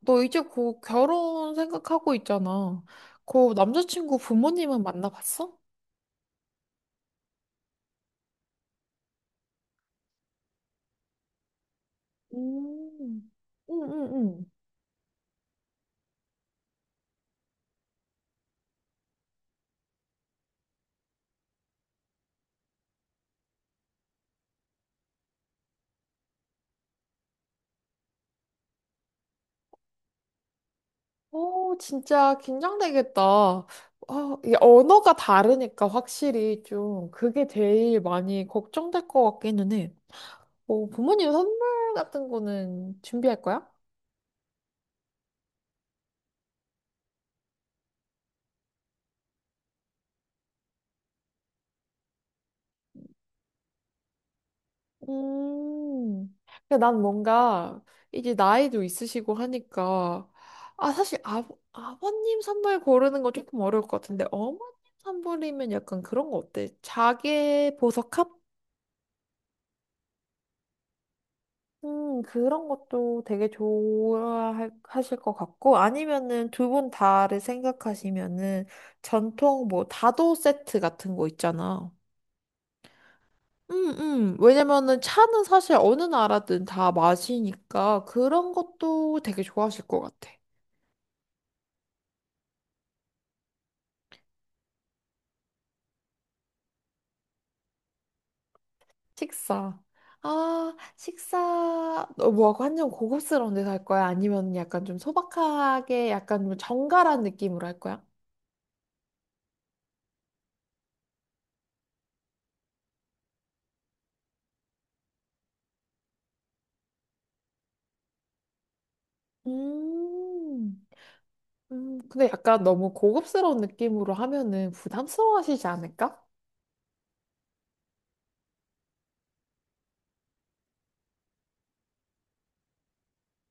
너 이제 곧 결혼 생각하고 있잖아. 그 남자친구 부모님은 만나봤어? 음, 응응 응. 오 진짜 긴장되겠다. 아 이게 언어가 다르니까 확실히 좀 그게 제일 많이 걱정될 것 같기는 해. 어, 부모님 선물 같은 거는 준비할 거야? 음. 그러니까 난 뭔가 이제 나이도 있으시고 하니까 아 사실 아, 아버님 선물 고르는 거 조금 어려울 것 같은데 어머님 선물이면 약간 그런 거 어때? 자개 보석함? 그런 것도 되게 좋아하실 것 같고 아니면은 두 분 다를 생각하시면은 전통 뭐 다도 세트 같은 거 있잖아. 왜냐면은 차는 사실 어느 나라든 다 마시니까 그런 것도 되게 좋아하실 것 같아. 식사. 아, 식사, 어, 뭐, 완전 고급스러운 데서 할 거야? 아니면 약간 좀 소박하게, 약간 좀 정갈한 느낌으로 할 거야? 음, 근데 약간 너무 고급스러운 느낌으로 하면은 부담스러워 하시지 않을까?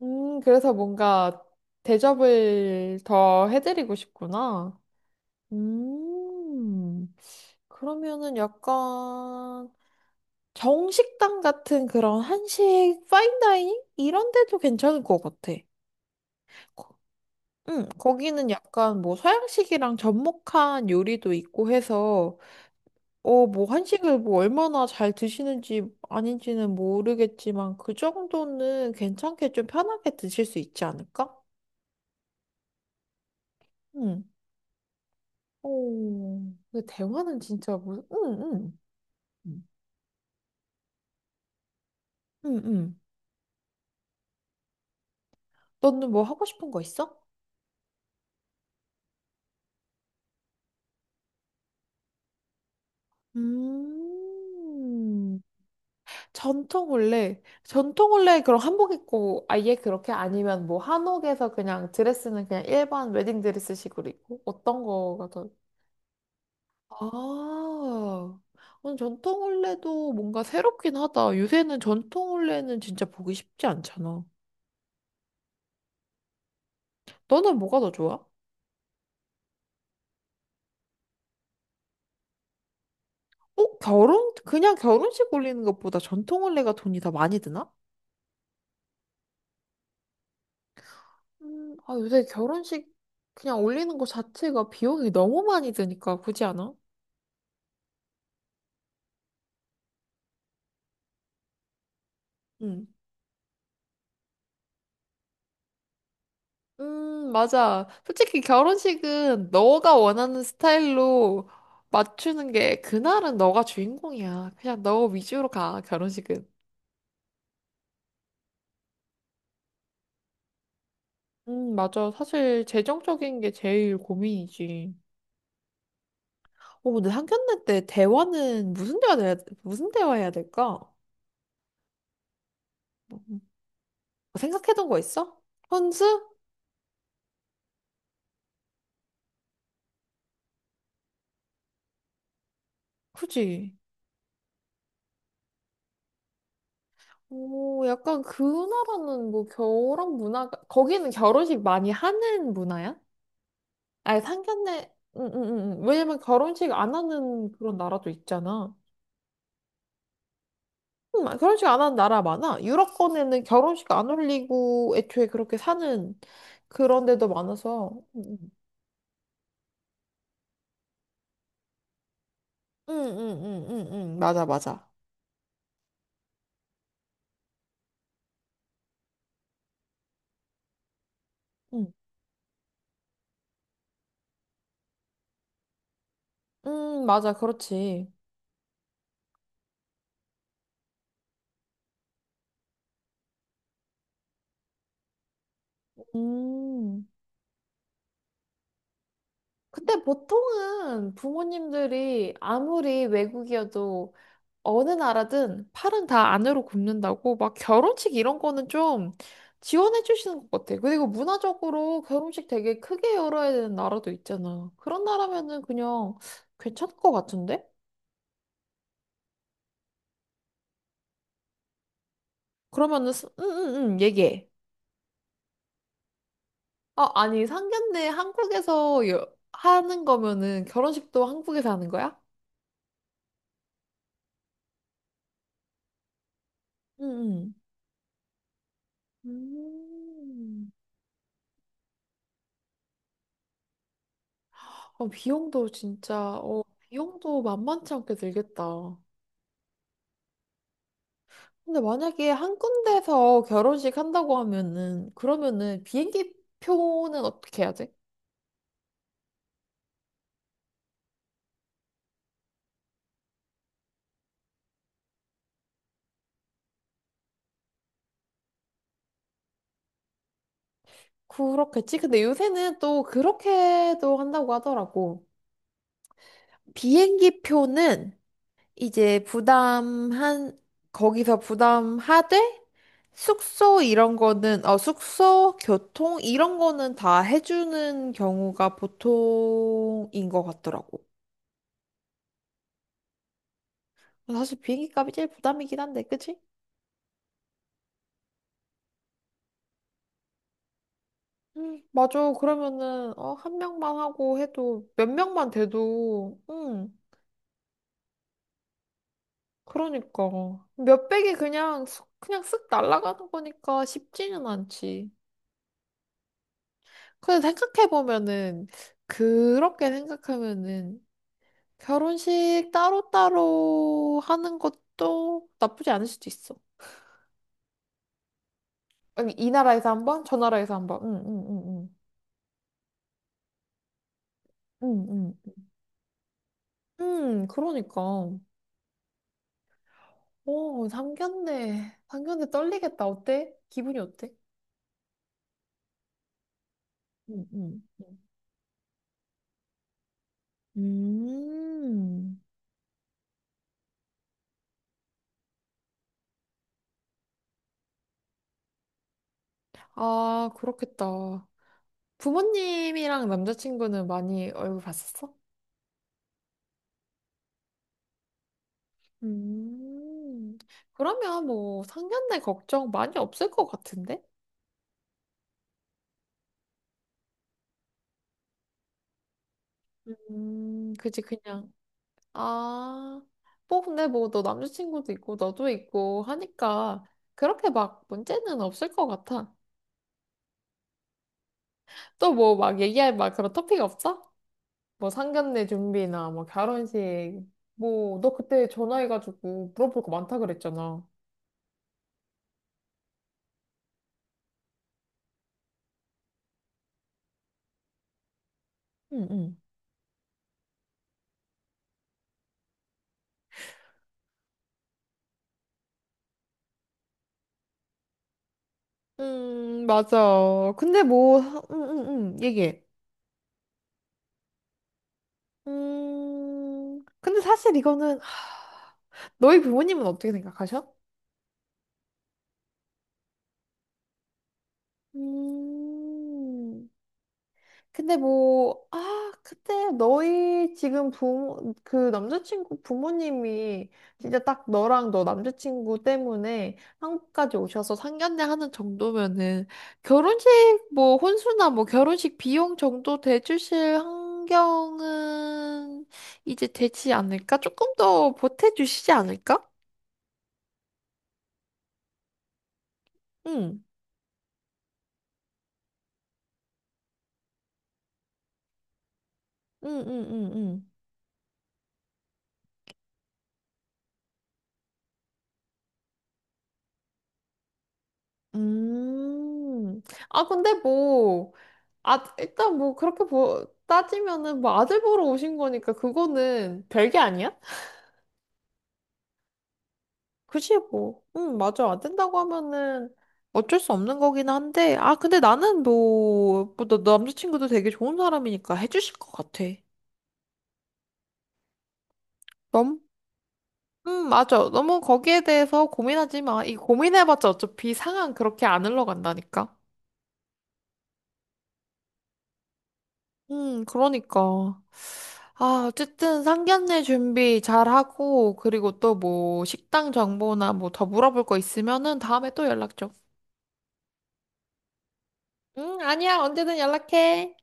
그래서 뭔가 대접을 더 해드리고 싶구나. 음. 그러면은 약간 정식당 같은 그런 한식 파인다이닝 이런 데도 괜찮을 것 같아. 거- 응, 거기는 약간 뭐 서양식이랑 접목한 요리도 있고 해서 어, 뭐 한식을 뭐 얼마나 잘 드시는지 아닌지는 모르겠지만 그 정도는 괜찮게 좀 편하게 드실 수 있지 않을까? 응. 오, 근데 대화는 진짜 무슨, 응, 응. 응, 응. 너는 뭐 하고 싶은 거 있어? 음, 전통 올레. 전통 올레 그럼 한복 입고 아예 그렇게 아니면 뭐 한옥에서 그냥 드레스는 그냥 일반 웨딩 드레스식으로 입고 어떤 거가 더? 아, 전통 올레도 뭔가 새롭긴 하다. 요새는 전통 올레는 진짜 보기 쉽지 않잖아. 너는 뭐가 더 좋아? 어, 결혼? 그냥 결혼식 올리는 것보다 전통 올레가 돈이 더 많이 드나? 아, 요새 결혼식 그냥 올리는 거 자체가 비용이 너무 많이 드니까 굳이 않아? 응. 맞아. 솔직히 결혼식은 너가 원하는 스타일로 맞추는 게 그날은 너가 주인공이야. 그냥 너 위주로 가, 결혼식은. 맞아. 사실 재정적인 게 제일 고민이지. 어, 근데 상견례 때 대화는 무슨 대화 해야 될까? 뭐, 뭐, 뭐 생각해둔 거 있어? 혼수? 그지? 오, 약간 그 나라는 뭐 결혼 문화가, 거기는 결혼식 많이 하는 문화야? 아니, 상견례, 응, 응, 응. 응. 왜냐면 결혼식 안 하는 그런 나라도 있잖아. 결혼식 안 하는 나라 많아. 유럽권에는 결혼식 안 올리고 애초에 그렇게 사는 그런 데도 많아서. 응, 응, 응, 응, 응, 응. 응. 맞아, 맞아. 응, 응, 맞아, 그렇지. 음. 근데 보통은 부모님들이 아무리 외국이어도 어느 나라든 팔은 다 안으로 굽는다고 막 결혼식 이런 거는 좀 지원해 주시는 것 같아. 그리고 문화적으로 결혼식 되게 크게 열어야 되는 나라도 있잖아. 그런 나라면은 그냥 괜찮을 것 같은데? 그러면은 응응응 얘기해. 아 아니 상견례 하는 거면은 결혼식도 한국에서 하는 거야? 응응. 음. 어, 비용도 진짜 어 비용도 만만치 않게 들겠다. 근데 만약에 한 군데서 결혼식 한다고 하면은, 그러면은 비행기 표는 어떻게 해야 돼? 그렇겠지? 근데 요새는 또 그렇게도 한다고 하더라고. 비행기 표는 이제 부담한, 거기서 부담하되, 숙소 이런 거는, 어, 숙소, 교통 이런 거는 다 해주는 경우가 보통인 것 같더라고. 사실 비행기 값이 제일 부담이긴 한데, 그치? 맞아. 그러면은, 어, 한 명만 하고 해도 몇 명만 돼도, 그러니까. 몇백이 그냥, 그냥 쓱 날아가는 거니까 쉽지는 않지. 근데 그렇게 생각하면은, 결혼식 따로따로 하는 것도 나쁘지 않을 수도 있어. 아니, 이 나라에서 한 번, 저 나라에서 한 번. 응, 응, 응, 응. 응, 응. 응, 그러니까. 오, 상견례. 상견례 떨리겠다. 어때? 기분이 어때? 응응. 음. 아, 그렇겠다. 부모님이랑 남자친구는 많이 얼굴 봤었어? 음, 그러면 뭐 상견례 걱정 많이 없을 것 같은데? 그지, 그냥. 아, 뭐 근데 뭐 너 남자친구도 있고 너도 있고 하니까 그렇게 막 문제는 없을 것 같아. 또 뭐 막 얘기할 막 그런 토픽 없어? 뭐 상견례 준비나 뭐 결혼식 뭐 너 그때 전화해가지고 물어볼 거 많다 그랬잖아. 응, 응. 맞아. 응, 응, 응, 얘기해. 근데 사실 이거는, 하, 너희 부모님은 어떻게 생각하셔? 음, 그때 그 남자친구 부모님이 진짜 딱 너랑 너 남자친구 때문에 한국까지 오셔서 상견례 하는 정도면은 결혼식 뭐 혼수나 뭐 결혼식 비용 정도 대주실 환경은 이제 되지 않을까? 조금 더 보태주시지 않을까? 응, 응, 응, 응, 응. 음, 근데 뭐, 아, 일단 뭐 그렇게 보, 따지면은 뭐 아들 보러 오신 거니까 그거는 별게 아니야? 그치 뭐. 응, 맞아. 안 된다고 하면은 어쩔 수 없는 거긴 한데. 근데 나는 너 남자친구도 되게 좋은 사람이니까 해주실 것 같아. 너무, 맞아. 너무 거기에 대해서 고민하지 마. 이 고민해봤자 어차피 상황 그렇게 안 흘러간다니까. 그러니까. 아, 어쨌든 상견례 준비 잘하고, 그리고 또 뭐, 식당 정보나 뭐 더 물어볼 거 있으면은 다음에 또 연락 줘. 응, 아니야. 언제든 연락해.